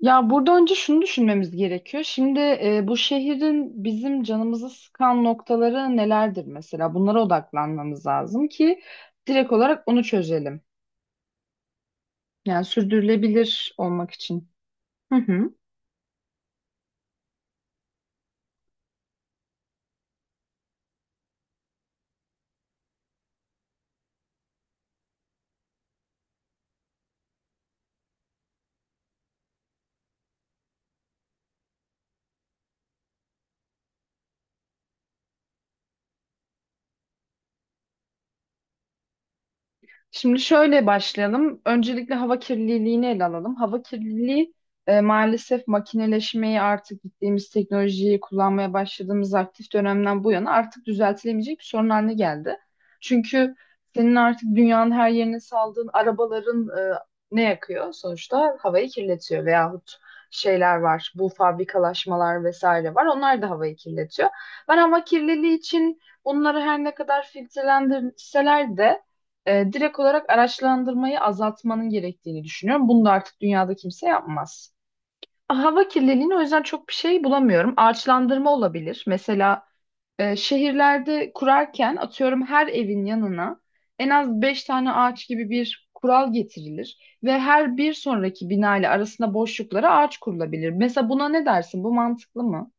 Ya burada önce şunu düşünmemiz gerekiyor. Şimdi bu şehrin bizim canımızı sıkan noktaları nelerdir mesela? Bunlara odaklanmamız lazım ki direkt olarak onu çözelim. Yani sürdürülebilir olmak için. Hı hı. Şimdi şöyle başlayalım. Öncelikle hava kirliliğini ele alalım. Hava kirliliği maalesef makineleşmeyi artık gittiğimiz teknolojiyi kullanmaya başladığımız aktif dönemden bu yana artık düzeltilemeyecek bir sorun haline geldi. Çünkü senin artık dünyanın her yerine saldığın arabaların ne yakıyor? Sonuçta havayı kirletiyor veyahut şeyler var. Bu fabrikalaşmalar vesaire var. Onlar da havayı kirletiyor. Ben hava kirliliği için bunları her ne kadar filtrelendirseler de direkt olarak araçlandırmayı azaltmanın gerektiğini düşünüyorum. Bunu da artık dünyada kimse yapmaz. Hava kirliliğini o yüzden çok bir şey bulamıyorum. Ağaçlandırma olabilir. Mesela şehirlerde kurarken atıyorum her evin yanına en az 5 tane ağaç gibi bir kural getirilir ve her bir sonraki bina ile arasında boşluklara ağaç kurulabilir. Mesela buna ne dersin? Bu mantıklı mı?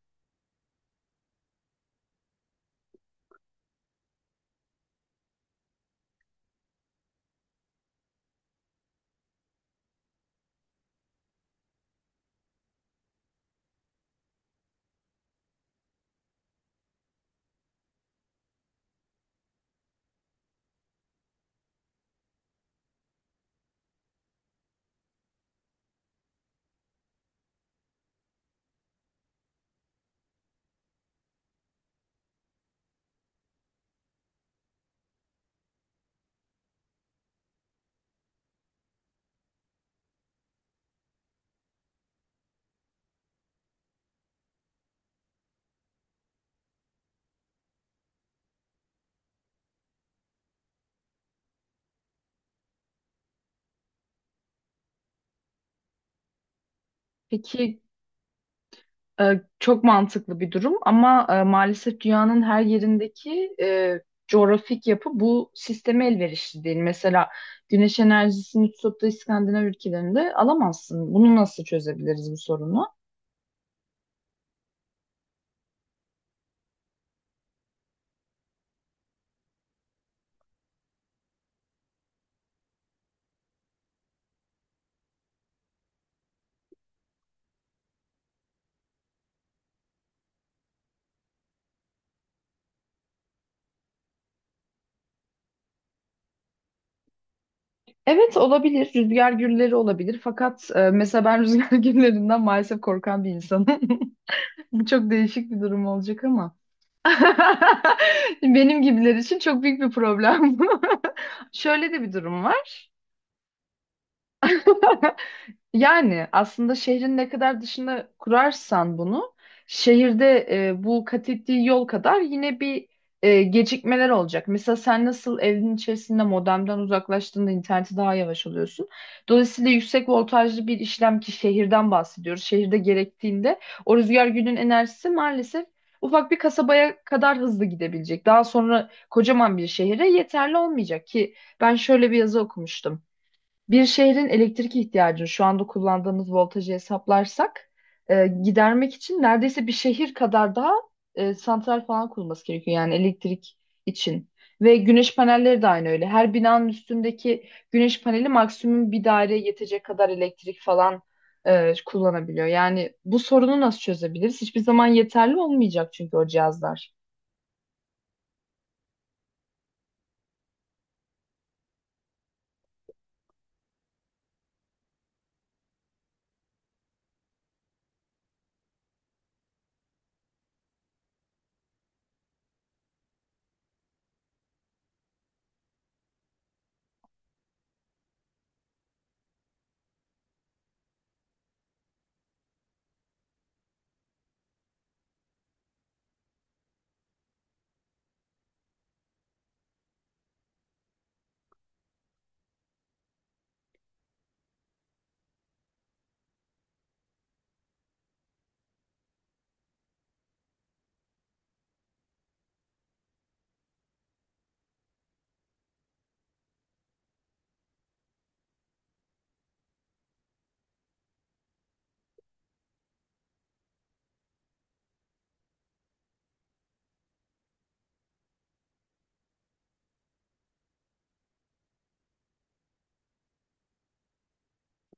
Peki, çok mantıklı bir durum ama maalesef dünyanın her yerindeki coğrafik yapı bu sisteme elverişli değil. Mesela güneş enerjisini tutup da İskandinav ülkelerinde alamazsın. Bunu nasıl çözebiliriz bu sorunu? Evet olabilir. Rüzgar gülleri olabilir. Fakat mesela ben rüzgar güllerinden maalesef korkan bir insanım. Bu çok değişik bir durum olacak ama. Benim gibiler için çok büyük bir problem bu. Şöyle de bir durum var. Yani aslında şehrin ne kadar dışına kurarsan bunu, şehirde bu kat ettiği yol kadar yine bir gecikmeler olacak. Mesela sen nasıl evin içerisinde modemden uzaklaştığında interneti daha yavaş alıyorsun. Dolayısıyla yüksek voltajlı bir işlem ki şehirden bahsediyoruz. Şehirde gerektiğinde o rüzgar günün enerjisi maalesef ufak bir kasabaya kadar hızlı gidebilecek. Daha sonra kocaman bir şehire yeterli olmayacak ki ben şöyle bir yazı okumuştum. Bir şehrin elektrik ihtiyacını şu anda kullandığımız voltajı hesaplarsak gidermek için neredeyse bir şehir kadar daha santral falan kurulması gerekiyor yani elektrik için. Ve güneş panelleri de aynı öyle. Her binanın üstündeki güneş paneli maksimum bir daireye yetecek kadar elektrik falan kullanabiliyor. Yani bu sorunu nasıl çözebiliriz? Hiçbir zaman yeterli olmayacak çünkü o cihazlar.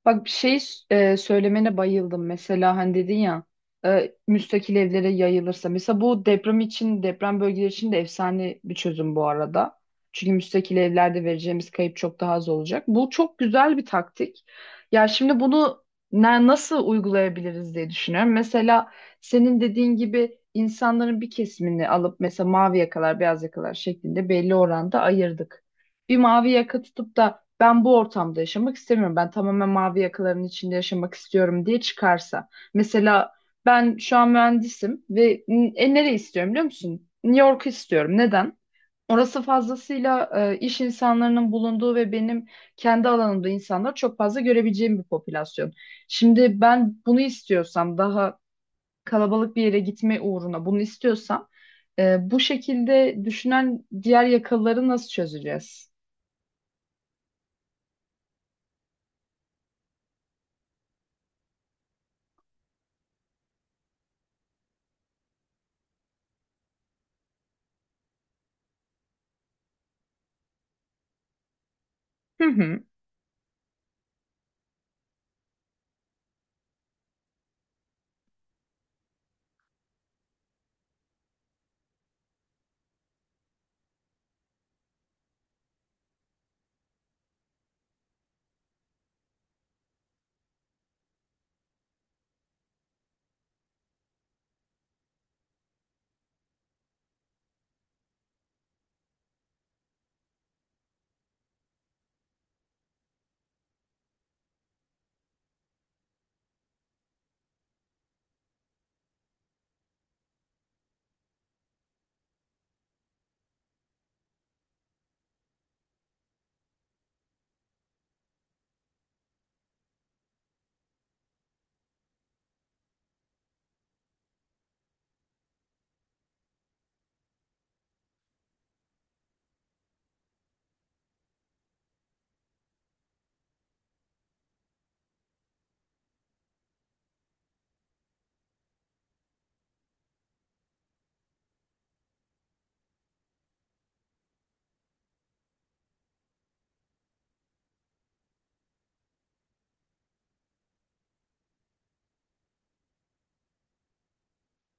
Bak bir şey söylemene bayıldım. Mesela hani dedin ya müstakil evlere yayılırsa. Mesela bu deprem için, deprem bölgeleri için de efsane bir çözüm bu arada. Çünkü müstakil evlerde vereceğimiz kayıp çok daha az olacak. Bu çok güzel bir taktik. Ya şimdi bunu nasıl uygulayabiliriz diye düşünüyorum. Mesela senin dediğin gibi insanların bir kesimini alıp mesela mavi yakalar, beyaz yakalar şeklinde belli oranda ayırdık. Bir mavi yaka tutup da ben bu ortamda yaşamak istemiyorum. Ben tamamen mavi yakaların içinde yaşamak istiyorum diye çıkarsa. Mesela ben şu an mühendisim ve nereye istiyorum biliyor musun? New York istiyorum. Neden? Orası fazlasıyla iş insanlarının bulunduğu ve benim kendi alanımda insanlar çok fazla görebileceğim bir popülasyon. Şimdi ben bunu istiyorsam daha kalabalık bir yere gitme uğruna bunu istiyorsam bu şekilde düşünen diğer yakaları nasıl çözeceğiz? Hı hı.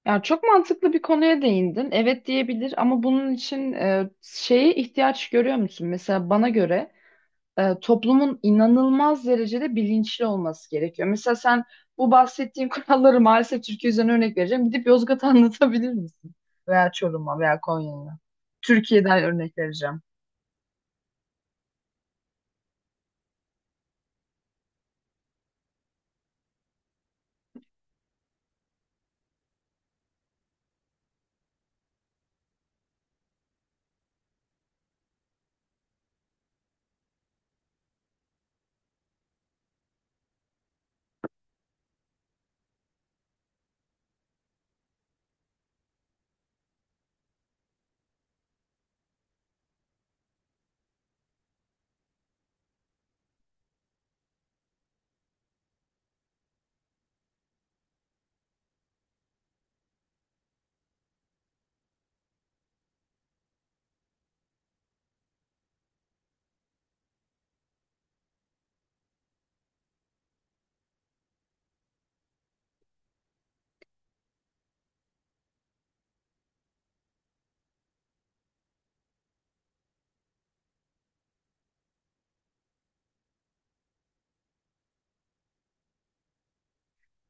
Ya çok mantıklı bir konuya değindin. Evet diyebilir ama bunun için şeye ihtiyaç görüyor musun? Mesela bana göre toplumun inanılmaz derecede bilinçli olması gerekiyor. Mesela sen bu bahsettiğim kuralları maalesef Türkiye üzerine örnek vereceğim. Gidip Yozgat'a anlatabilir misin? Veya Çorum'a veya Konya'ya. Türkiye'den örnek vereceğim.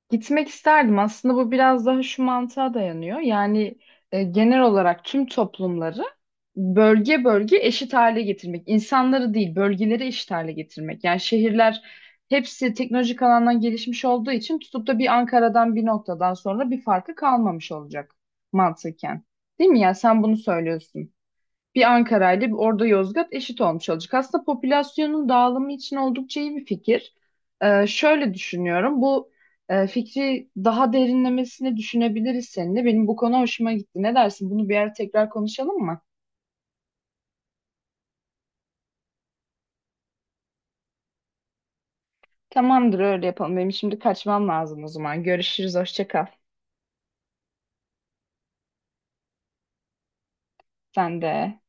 Gitmek isterdim. Aslında bu biraz daha şu mantığa dayanıyor. Yani genel olarak tüm toplumları bölge bölge eşit hale getirmek. İnsanları değil, bölgeleri eşit hale getirmek. Yani şehirler hepsi teknolojik alandan gelişmiş olduğu için tutup da bir Ankara'dan bir noktadan sonra bir farkı kalmamış olacak mantıken. Değil mi ya? Sen bunu söylüyorsun. Bir Ankara ile bir orada Yozgat eşit olmuş olacak. Aslında popülasyonun dağılımı için oldukça iyi bir fikir. Şöyle düşünüyorum. Bu fikri daha derinlemesine düşünebiliriz seninle. Benim bu konu hoşuma gitti. Ne dersin? Bunu bir ara tekrar konuşalım mı? Tamamdır, öyle yapalım. Benim şimdi kaçmam lazım o zaman. Görüşürüz. Hoşça kal. Sen de.